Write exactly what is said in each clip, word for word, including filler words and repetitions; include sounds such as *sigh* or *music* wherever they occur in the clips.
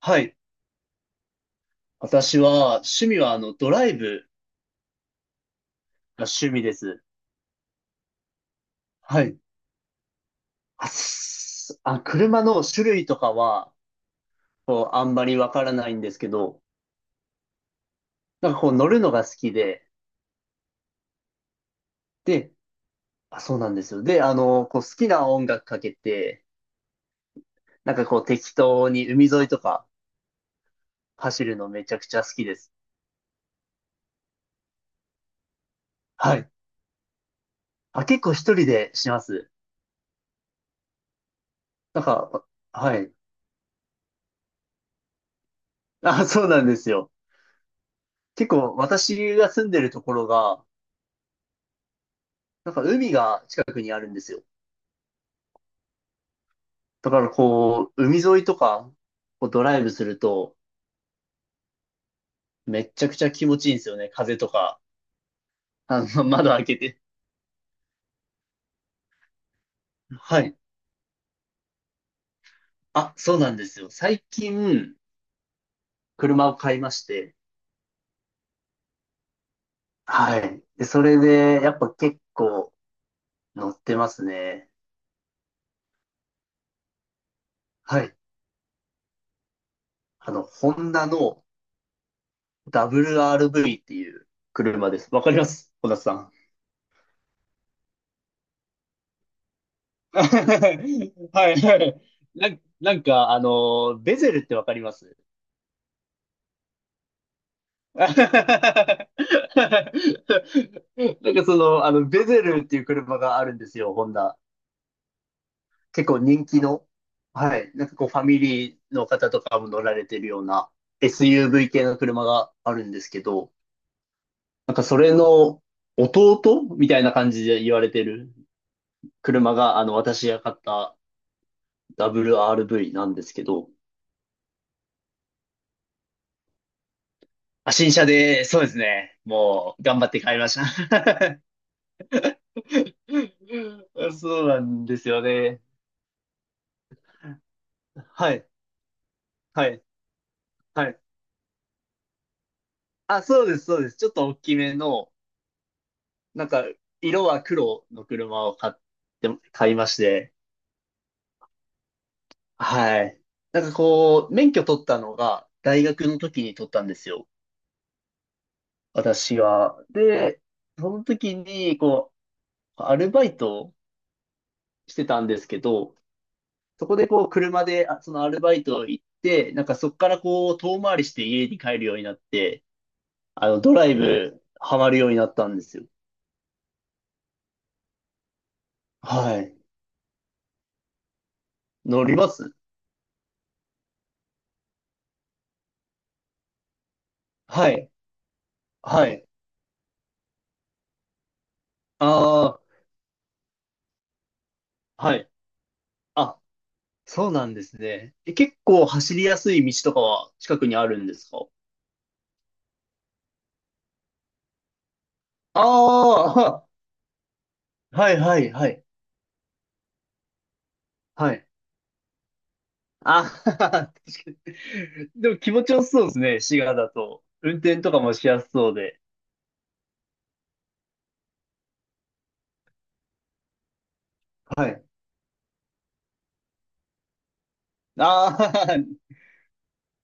はい。私は、趣味は、あの、ドライブが趣味です。はい。あ、すあ車の種類とかは、こう、あんまりわからないんですけど、なんかこう、乗るのが好きで、で、あ、そうなんですよ。で、あの、こう、好きな音楽かけて、なんかこう、適当に海沿いとか走るのめちゃくちゃ好きです。はい。あ、結構一人でします。なんか、はい。あ、そうなんですよ。結構、私が住んでるところが、なんか海が近くにあるんですよ。だからこう、海沿いとか、こうドライブすると、めっちゃくちゃ気持ちいいんですよね。風とか。あの、*laughs* 窓開けて。はい。あ、そうなんですよ。最近、車を買いまして。はい。で、それで、やっぱ結構乗ってますね。はい。あの、ホンダの ダブリューアールブイ っていう車です。わかります、小田さん？*laughs* はいはい。なん、なんか、あの、ベゼルってわかります？ *laughs* なんかその、あの、ベゼルっていう車があるんですよ、ホンダ。結構人気の、はい、なんかこうファミリーの方とかも乗られてるような エスユーブイ 系の車があるんですけど、なんかそれの弟みたいな感じで言われてる車が、あの、私が買った ダブリューアールブイ なんですけど、あ、新車で、そうですね。もう、頑張って買いました。*laughs* そうなんですよね。はい。はい、はい。あ、そうです、そうです。ちょっと大きめの、なんか、色は黒の車を買って、買いまして、はい。なんかこう、免許取ったのが、大学の時に取ったんですよ。私は。で、その時に、こう、アルバイトをしてたんですけど、そこでこう、車で、あそのアルバイト行って、なんかそこからこう、遠回りして家に帰るようになって、あの、ドライブ、ハマるようになったんですよ。はい。乗ります。はい。はい。ああ、はい。あ、そうなんですね。え、結構走りやすい道とかは近くにあるんですか？ああー、*laughs* はいはいはい。はい。あはは確かに。でも気持ちよさそうですね、滋賀だと。運転とかもしやすそうで。はい。あ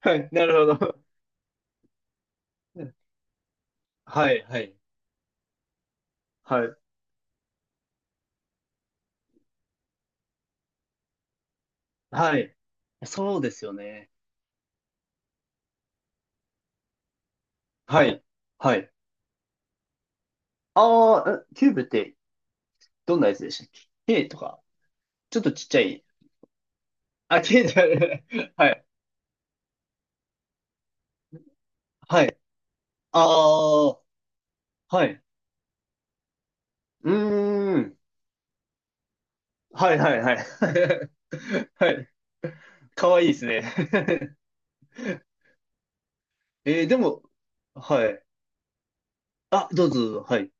あ、はい、なるほど。はいはいはい。はい。そうですよね。はい。はい。ああ、えキューブってどんなやつでしたっけ ?A とか、ちょっとちっちゃい。あ、近所で *laughs* はい。はい。ああ、はい。うーん。はいはいはい。*laughs* はい。かわいいですね。*laughs* えーでも、はい。あ、どうぞ、はい。い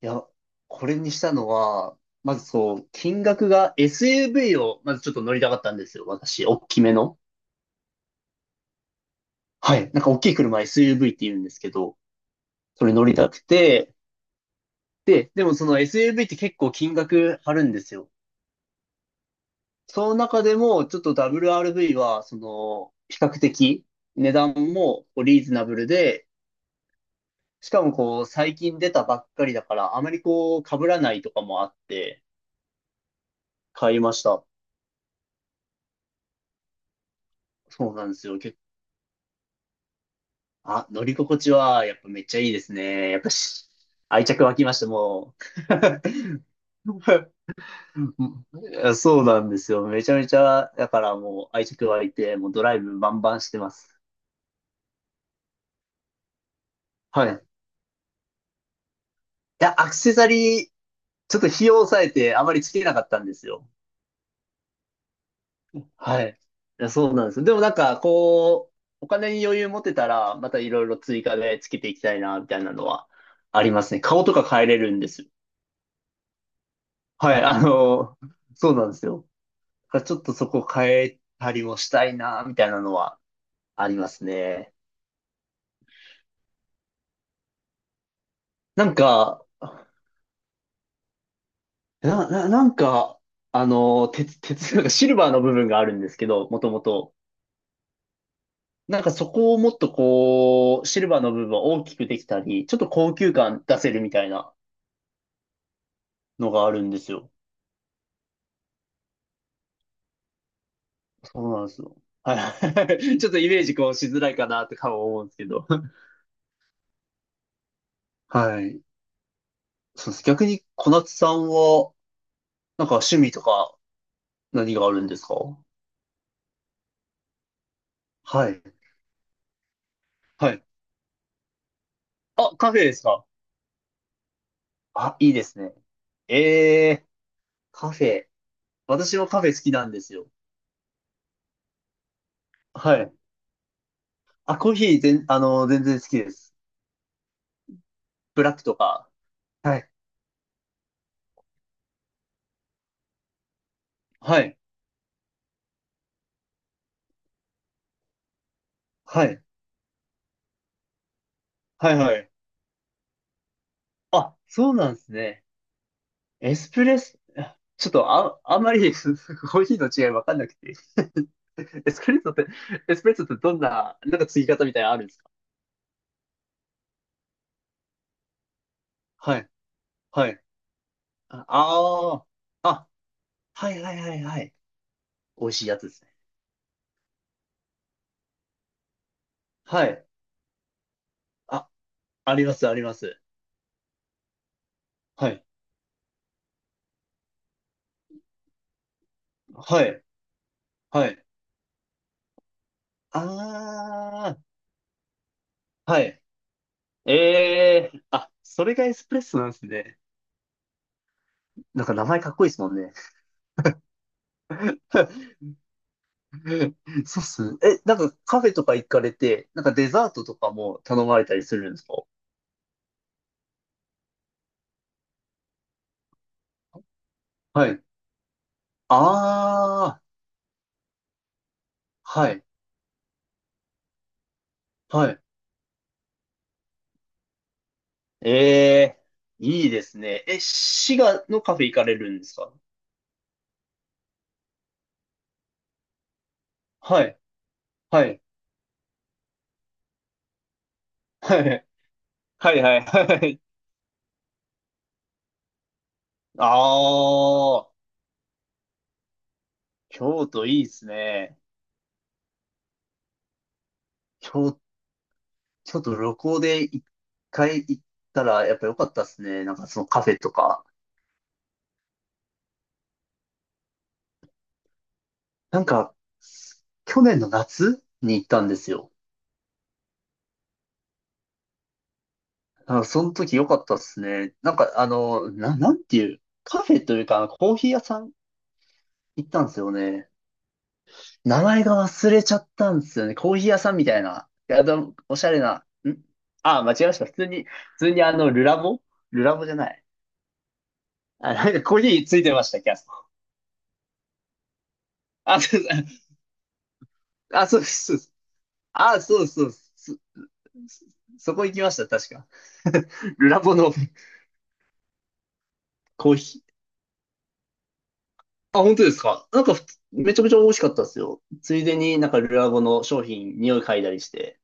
や、これにしたのは、まずそう、金額が エスユーブイ を、まずちょっと乗りたかったんですよ、私。大きめの。はい。なんか大きい車 エスユーブイ って言うんですけど、それ乗りたくて、で、でもその エスユーブイ って結構金額張るんですよ。その中でも、ちょっと ダブリューアールブイ は、その、比較的、値段もこうリーズナブルで、しかもこう、最近出たばっかりだから、あまりこう、被らないとかもあって、買いました。そうなんですよ。結構、あ、乗り心地は、やっぱめっちゃいいですね。やっぱし、愛着湧きました、もう。*laughs* いやそうなんですよ。めちゃめちゃ、だからもう愛着湧いて、もうドライブバンバンしてます。はい。いや、アクセサリーちょっと費用を抑えてあまりつけなかったんですよ。はい。いやそうなんですよ。でもなんか、こう、お金に余裕持てたら、またいろいろ追加でつけていきたいな、みたいなのはありますね。顔とか変えれるんですよ。はい、あの、そうなんですよ。だからちょっとそこ変えたりもしたいな、みたいなのはありますね。なんか、な、な、なんか、あの、鉄、鉄、なんかシルバーの部分があるんですけど、もともと。なんかそこをもっとこう、シルバーの部分を大きくできたり、ちょっと高級感出せるみたいなのがあるんですよ。そうなんですよ。はい。*laughs* ちょっとイメージこうしづらいかなって顔思うんですけど。はい。そうです。逆に小夏さんは、なんか趣味とか何があるんですか？はい。はい。あ、カフェですか？あ、いいですね。ええ、カフェ。私もカフェ好きなんですよ。はい。あ、コーヒー全、あの、全然好きです。ブラックとか。はい。はい。はい。はいはい。あ、そうなんですね。エスプレッソ、ちょっとあ、あんまり *laughs* コーヒーの違いわかんなくて。*laughs* エスプレッソって、エスプレッソってどんな、なんか継ぎ方みたいなのあるんですか？はい、はい。ああー、あ、はいはいはいはい。美味しいやつですね。はい。あ、あります、あります。はい、はい、はい。ああ、はい。ええー、あ、それがエスプレッソなんですね。なんか名前かっこいいですもんね。*laughs* *laughs* そうっすね。え、なんかカフェとか行かれて、なんかデザートとかも頼まれたりするんですか？はい。ああ、はい、はい。ええ、いいですね。え、滋賀のカフェ行かれるんですか？はい、はい、はい、はい、はい。はいああ、京都いいですね。京、京都旅行でいっかい行ったらやっぱ良かったですね。なんかそのカフェとか。なんか、去年の夏に行ったんですよ。あ、その時良かったっすね。なんか、あの、な、なんていう、カフェというか、コーヒー屋さん行ったんですよね。名前が忘れちゃったんですよね。コーヒー屋さんみたいな。いや、でもおしゃれな。んあ、間違えました。普通に、普通にあの、ルラボルラボじゃない。あ、なんかコーヒーついてました、キャスあ、そうです。あ、そうです。そうですあ、そうですそうですそそそこ行きました、確か。*laughs* ルラボのコーヒー。あ、本当ですか。なんかふつ、めちゃくちゃ美味しかったですよ。ついでになんかルアゴの商品、匂い嗅いだりして。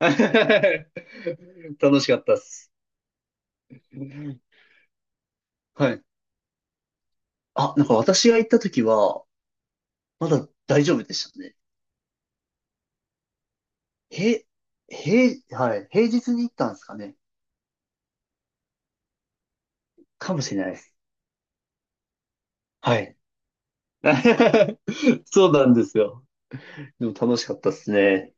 *laughs* 楽しかったっす。はい。あ、なんか私が行った時は、まだ大丈夫でしたね。へ、へ、はい。平日に行ったんですかね。かもしれないです。はい。*laughs* そうなんですよ。でも楽しかったっすね。